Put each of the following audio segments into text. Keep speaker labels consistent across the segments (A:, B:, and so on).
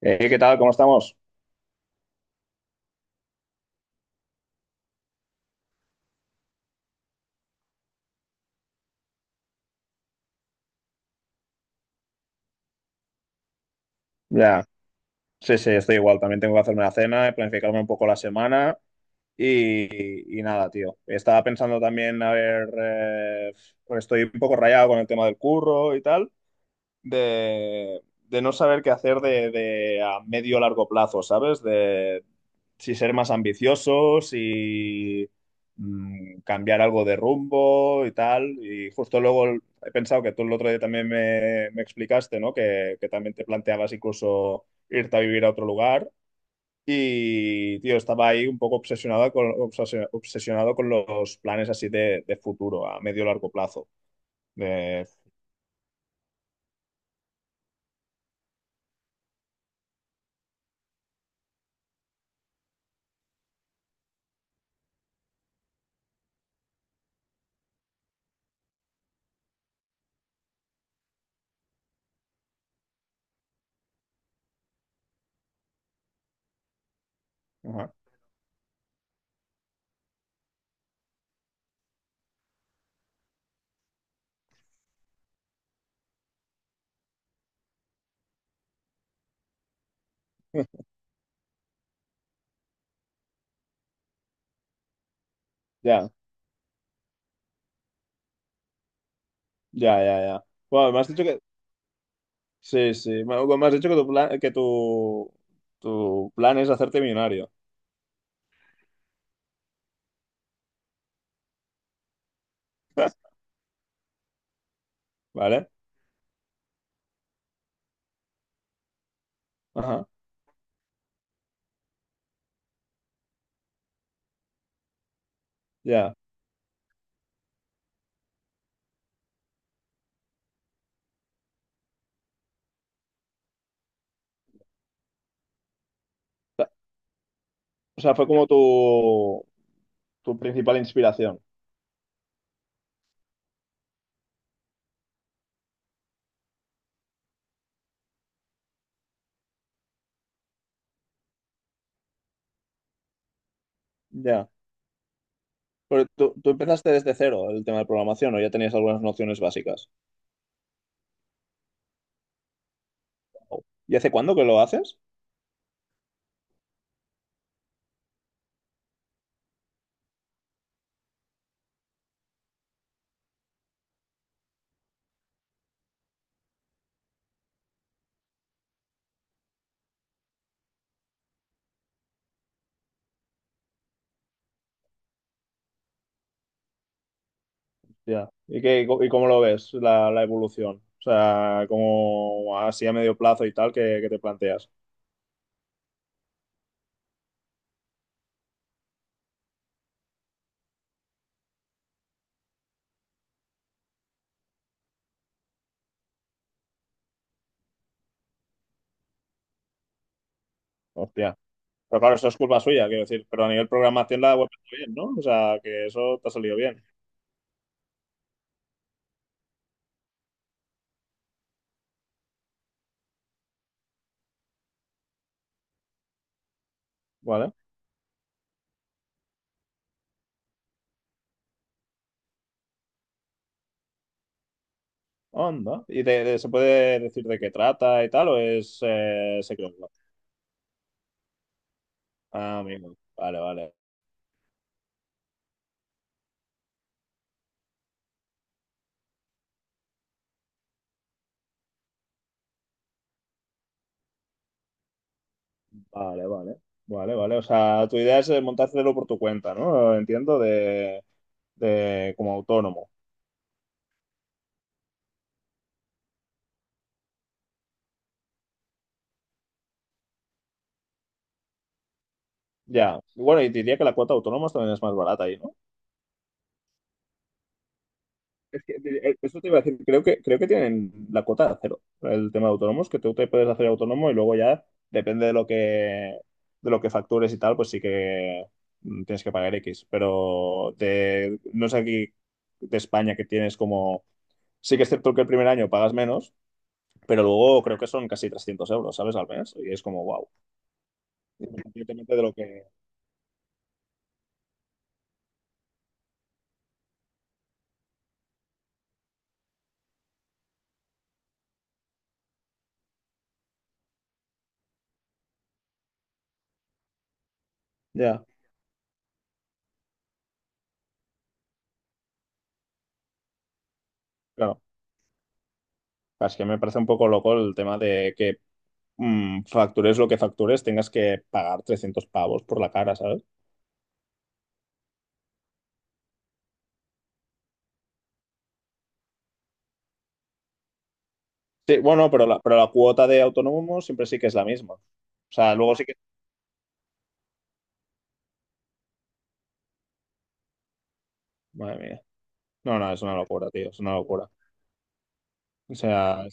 A: ¿Qué tal? ¿Cómo estamos? Ya, sí, sí, estoy igual. También tengo que hacerme la cena, planificarme un poco la semana y nada, tío. Estaba pensando también, a ver, pues estoy un poco rayado con el tema del curro y tal, de, de no saber qué hacer de a medio o largo plazo, ¿sabes? De, si ser más ambiciosos y cambiar algo de rumbo y tal. Y justo luego he pensado que tú el otro día también me explicaste, ¿no? Que también te planteabas incluso irte a vivir a otro lugar. Y, tío, estaba ahí un poco obsesionado con, obsesionado con los planes así de futuro, a medio largo plazo. De... Ajá. Ya, ya, ya, ya. Bueno, me has dicho que... Sí, sí. Me has dicho que tu plan, que tu plan es hacerte millonario. ¿Vale? Ajá, ya. O sea, fue como tu principal inspiración. Ya. Pero tú empezaste desde cero el tema de programación, o ya tenías algunas nociones básicas. ¿Y hace cuándo que lo haces? Ya. ¿Y qué, y cómo lo ves la, la evolución? O sea, como así a medio plazo y tal que te planteas. Hostia. Pero claro, eso es culpa suya, quiero decir. Pero a nivel programación la web está bien, ¿no? O sea, que eso te ha salido bien. Vale. Onda. ¿Y se puede decir de qué trata y tal o es secreto? Ah, amigo. Vale, vale. Vale, vale. Vale, vale. O sea, tu idea es montártelo por tu cuenta, ¿no? Entiendo, de como autónomo. Ya. Y bueno, y diría que la cuota de autónomos también es más barata ahí, ¿no? Es que eso te iba a decir, creo creo que tienen la cuota de cero, el tema de autónomos, que tú te puedes hacer autónomo y luego ya depende de lo que factures y tal, pues sí que tienes que pagar X. Pero de, no es aquí de España que tienes como. Sí que es cierto que el primer año pagas menos. Pero luego creo que son casi 300 euros, ¿sabes? Al mes. Y es como, wow, independientemente de lo que... Ya. Claro, es que me parece un poco loco el tema de que factures lo que factures, tengas que pagar 300 pavos por la cara, ¿sabes? Sí, bueno, pero la cuota de autónomo siempre sí que es la misma. O sea, luego sí que... Madre mía. No, no, es una locura, tío, es una locura. O sea,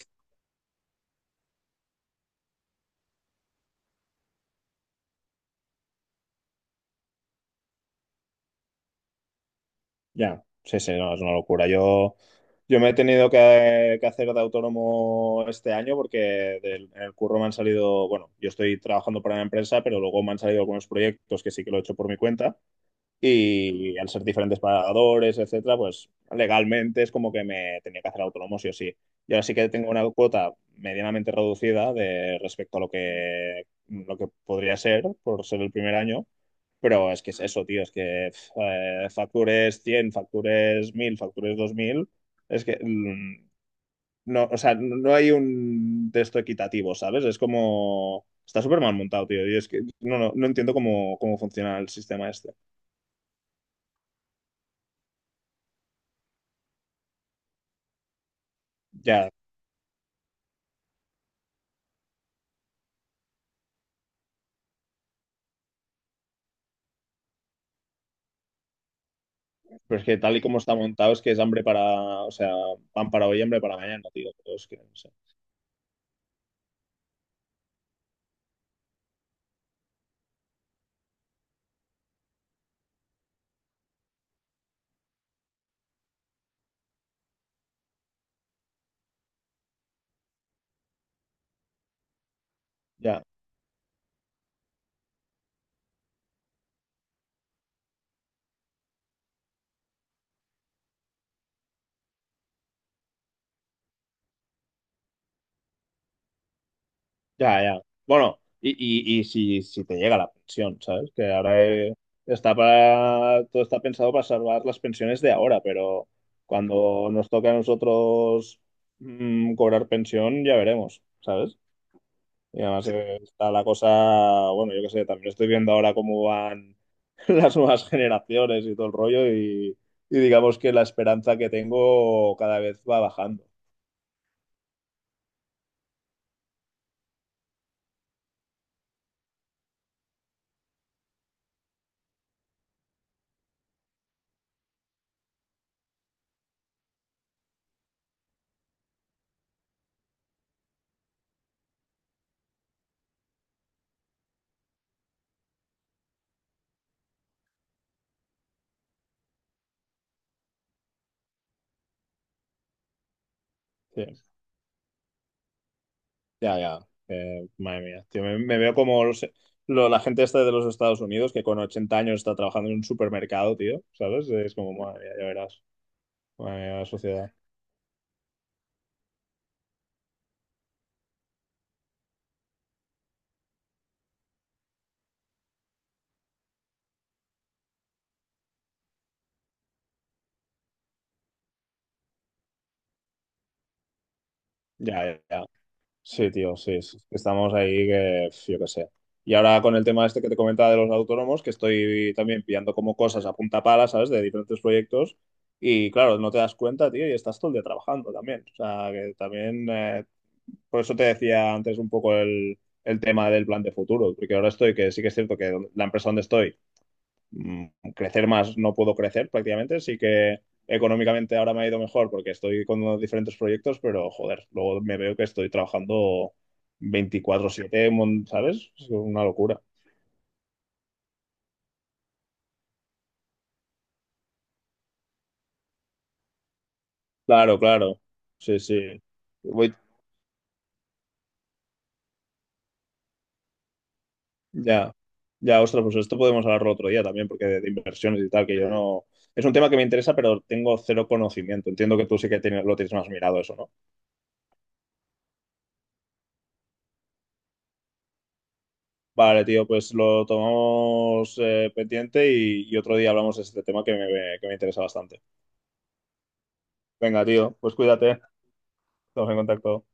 A: ya, sí, sí, no, es una locura. Yo me he tenido que hacer de autónomo este año porque en el curro me han salido, bueno, yo estoy trabajando para una empresa, pero luego me han salido algunos proyectos que sí que lo he hecho por mi cuenta y al ser diferentes pagadores, etcétera, pues legalmente es como que me tenía que hacer autónomo sí o sí. Y ahora sí que tengo una cuota medianamente reducida de respecto a lo que podría ser por ser el primer año, pero es que es eso, tío, es que pf, factures 100 factures 1000 factures 2000, es que no, o sea, no hay un texto equitativo, ¿sabes? Es como... Está súper mal montado, tío. Y es que no, no, no entiendo cómo, cómo funciona el sistema este. Ya, pero es que tal y como está montado, es que es hambre para, o sea, pan para hoy, hambre para mañana, tío. Pero es que, no sé. Ya, ya, ya. Bueno, y si, si te llega la pensión, ¿sabes? Que ahora está para, todo está pensado para salvar las pensiones de ahora, pero cuando nos toca a nosotros cobrar pensión, ya veremos, ¿sabes? Y además está la cosa, bueno, yo qué sé, también estoy viendo ahora cómo van las nuevas generaciones y todo el rollo y digamos que la esperanza que tengo cada vez va bajando. Sí, ya, ya. Madre mía, tío, me veo como la gente esta de los Estados Unidos que con 80 años está trabajando en un supermercado, tío, ¿sabes? Es como, madre mía, ya verás, madre mía, la sociedad. Ya, ya, ya. Sí, tío, sí, estamos ahí que, pf, yo qué sé. Y ahora con el tema este que te comentaba de los autónomos, que estoy también pillando como cosas a punta pala, ¿sabes? De diferentes proyectos. Y claro, no te das cuenta, tío, y estás todo el día trabajando también. O sea, que también, por eso te decía antes un poco el tema del plan de futuro, porque ahora estoy, que sí que es cierto que la empresa donde estoy mm, crecer más no puedo crecer prácticamente, sí que económicamente ahora me ha ido mejor porque estoy con diferentes proyectos, pero joder, luego me veo que estoy trabajando 24/7 ¿sabes? Es una locura. Claro, claro. Sí, sí. Voy, ya, ya, ostras, pues esto podemos hablarlo otro día también, porque de inversiones y tal, que yo no... Es un tema que me interesa, pero tengo cero conocimiento. Entiendo que tú sí que tienes, lo tienes más mirado eso, ¿no? Vale, tío, pues lo tomamos pendiente y otro día hablamos de este tema que que me interesa bastante. Venga, tío, pues cuídate, estamos en contacto.